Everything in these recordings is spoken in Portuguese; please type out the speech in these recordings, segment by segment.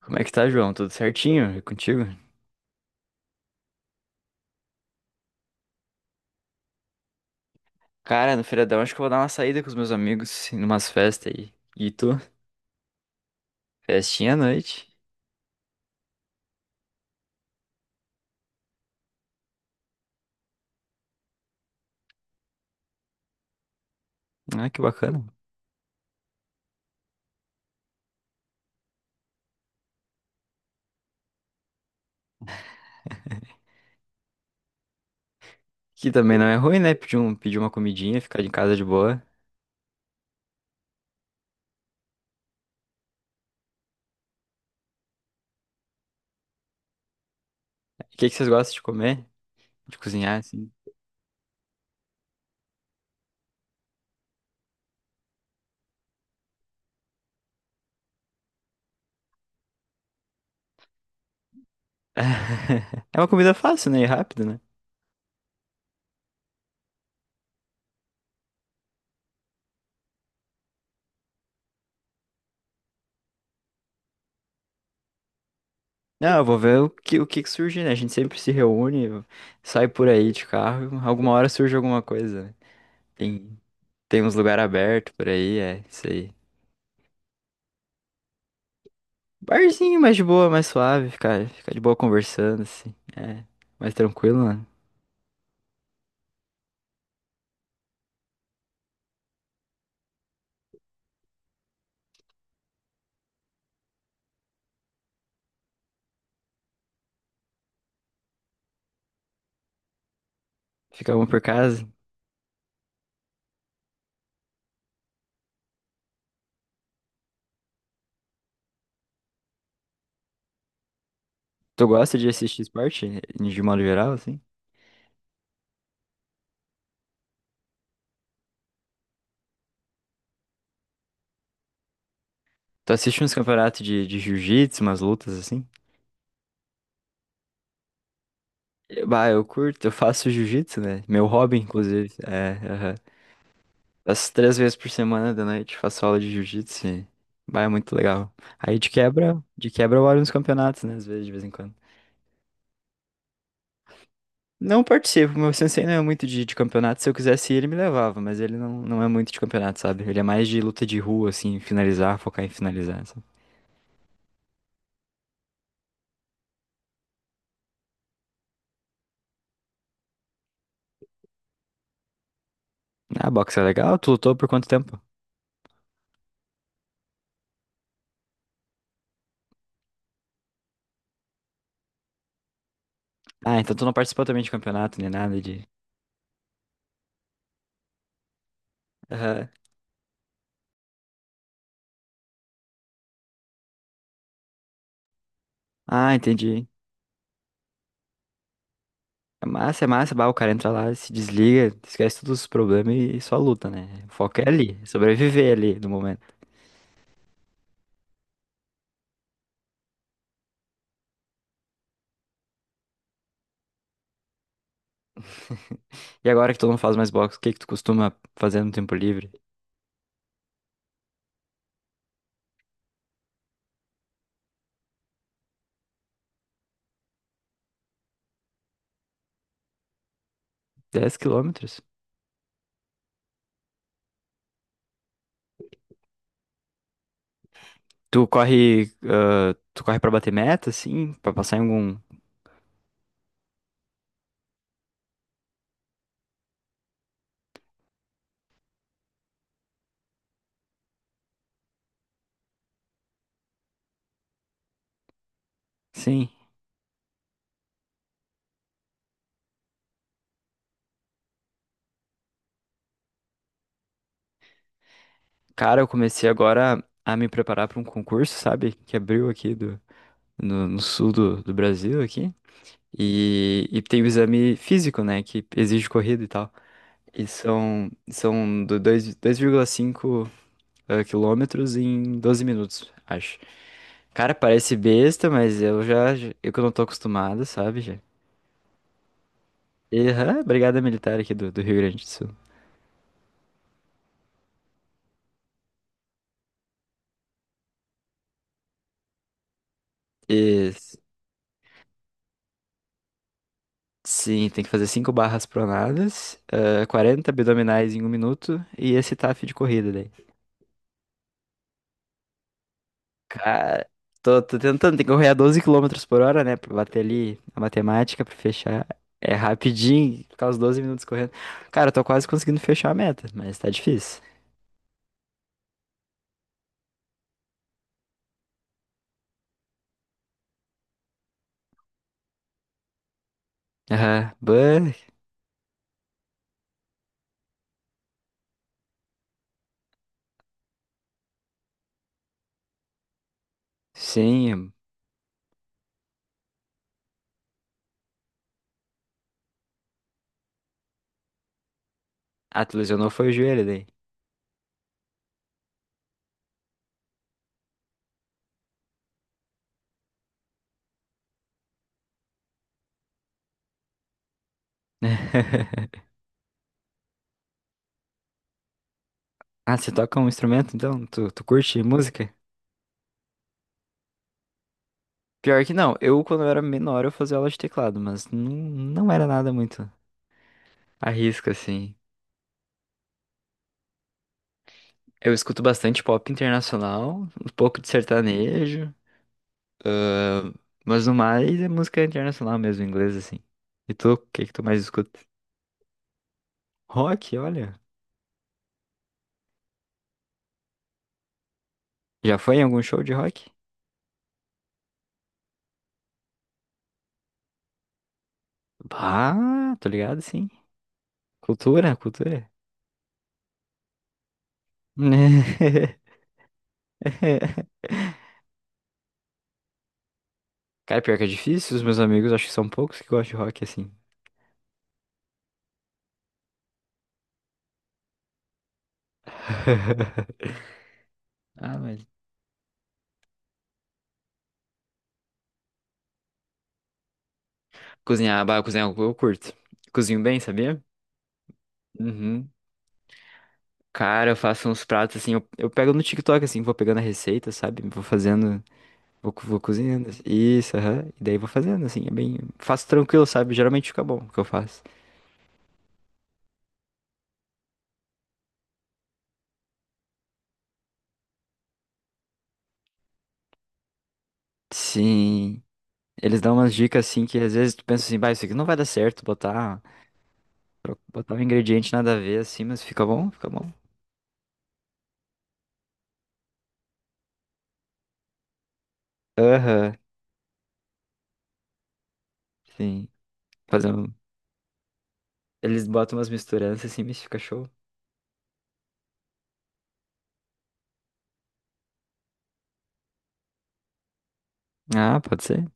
Como é que tá, João? Tudo certinho? É contigo? Cara, no feriadão acho que eu vou dar uma saída com os meus amigos, em umas festas aí. E tu? Festinha à noite? Ah, que bacana. Que também não é ruim, né? Pedir uma comidinha, ficar em casa de boa. O que que vocês gostam de comer? De cozinhar, assim? É uma comida fácil, né? E rápida, né? Não, eu vou ver o que que surge, né? A gente sempre se reúne, sai por aí de carro, alguma hora surge alguma coisa, né? Tem, tem uns lugares abertos por aí, é isso aí. Barzinho mais de boa, mais suave, ficar de boa conversando, assim. É, mais tranquilo, né? Fica um por casa. Tu gosta de assistir esporte, de modo geral, assim? Tu assiste uns campeonatos de jiu-jitsu, umas lutas, assim? Bah, eu curto, eu faço jiu-jitsu, né? Meu hobby, inclusive. É, aham. Faço três vezes por semana da noite, faço aula de jiu-jitsu. Bah, é muito legal. Aí de quebra eu olho uns campeonatos, né? Às vezes, de vez em quando. Não participo, meu sensei não é muito de campeonato. Se eu quisesse ir, ele me levava, mas ele não é muito de campeonato, sabe? Ele é mais de luta de rua, assim, finalizar, focar em finalizar, sabe? Ah, boxe é legal? Tu lutou por quanto tempo? Ah, então tu não participou também de campeonato, nem nada de. Aham. Ah, entendi. É massa, bah, o cara entra lá, se desliga, esquece todos os problemas e só luta, né? O foco é ali, sobreviver ali no momento. E agora que tu não faz mais boxe, o que que tu costuma fazer no tempo livre? 10 quilômetros? Tu corre pra bater meta, sim, pra passar em algum. Sim. Cara, eu comecei agora a me preparar pra um concurso, sabe? Que abriu aqui do, no, no sul do Brasil aqui. E tem o exame físico, né? Que exige corrida e tal. E são 2,5 quilômetros em 12 minutos, acho. Cara, parece besta, mas eu que não tô acostumado, sabe? Já. E, aham, brigada militar aqui do Rio Grande do Sul. Sim, tem que fazer 5 barras pronadas, 40 abdominais em 1 minuto e esse TAF de corrida daí. Cara, tô tentando, tem que correr a 12 quilômetros por hora, né? Pra bater ali a matemática, pra fechar. É rapidinho, ficar os 12 minutos correndo. Cara, eu tô quase conseguindo fechar a meta, mas tá difícil. Aham, bah, sim. Ah, tu lesionou foi o joelho daí. Ah, você toca um instrumento então? Tu curte música? Pior que não, eu quando eu era menor eu fazia aula de teclado, mas não era nada muito à risca, assim. Eu escuto bastante pop internacional, um pouco de sertanejo, ahn, mas no mais é música internacional mesmo, inglês, assim. E tu, o que que tu mais escuta? Rock, olha. Já foi em algum show de rock? Ah, tô ligado, sim. Cultura, cultura. Cara, pior que é difícil, os meus amigos acho que são poucos que gostam de rock, assim. Ah, mas cozinhar, bah, cozinhar eu curto. Cozinho bem, sabia? Uhum. Cara, eu faço uns pratos assim, eu pego no TikTok assim, vou pegando a receita, sabe? Vou fazendo, vou cozinhando, assim. Isso, aham. E daí vou fazendo assim, é bem, faço tranquilo, sabe? Geralmente fica bom o que eu faço. Sim. Eles dão umas dicas assim que às vezes tu pensa assim, bah, isso aqui não vai dar certo botar, botar um ingrediente nada a ver assim, mas fica bom, fica bom. Aham. Sim. Fazer um... Eles botam umas misturanças assim, mas fica show. Ah, pode ser.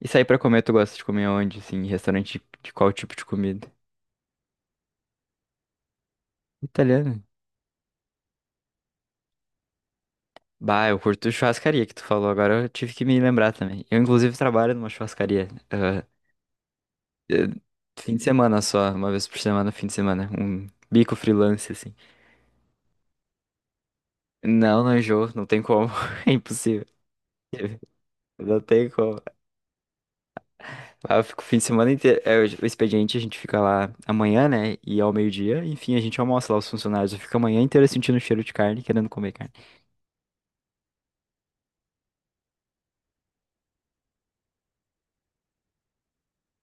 E sair pra comer, tu gosta de comer onde, assim, em restaurante de qual tipo de comida? Italiano. Bah, eu curto churrascaria que tu falou, agora eu tive que me lembrar também. Eu, inclusive, trabalho numa churrascaria. Eh, fim de semana só, uma vez por semana, fim de semana. Um bico freelance, assim. Não, não enjoo, não tem como. É impossível. Não tem como. Ah, eu fico o fim de semana inteiro. É, o expediente a gente fica lá amanhã, né? E ao meio-dia, enfim, a gente almoça lá os funcionários. Eu fico a manhã inteira sentindo o cheiro de carne, querendo comer carne.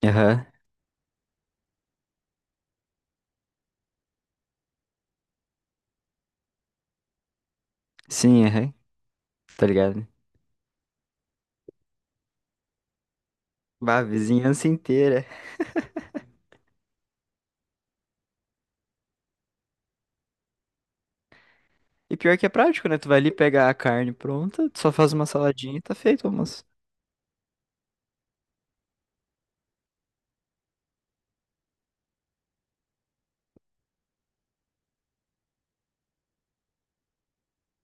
Aham. Sim, aham. Tá ligado? Bah, a vizinhança inteira. E pior que é prático, né? Tu vai ali pegar a carne pronta, tu só faz uma saladinha e tá feito, o almoço.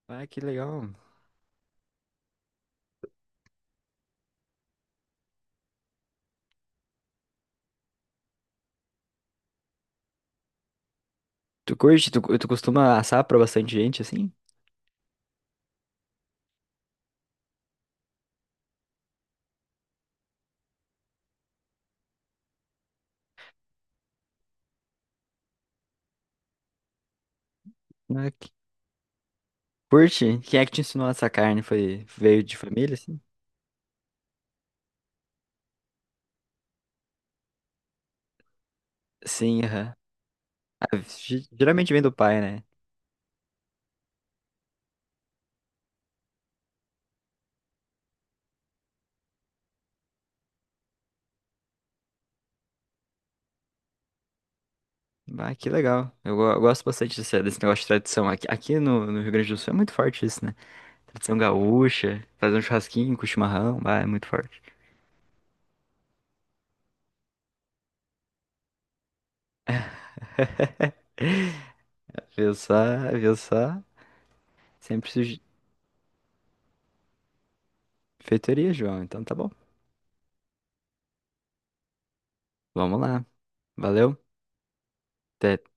Ah, que legal. Tu curte? Tu costuma assar pra bastante gente, assim? Ah, que- Curte? Quem é que te ensinou a assar carne? Foi, veio de família, assim? Sim, aham. Ah, geralmente vem do pai, né? Ah, que legal. Eu gosto bastante desse negócio de tradição. Aqui no Rio Grande do Sul é muito forte isso, né? Tradição gaúcha, fazer um churrasquinho com chimarrão, bah, é muito forte. Viu só? Viu só? Sempre sujeitoria, João. Então tá bom. Vamos lá. Valeu. Até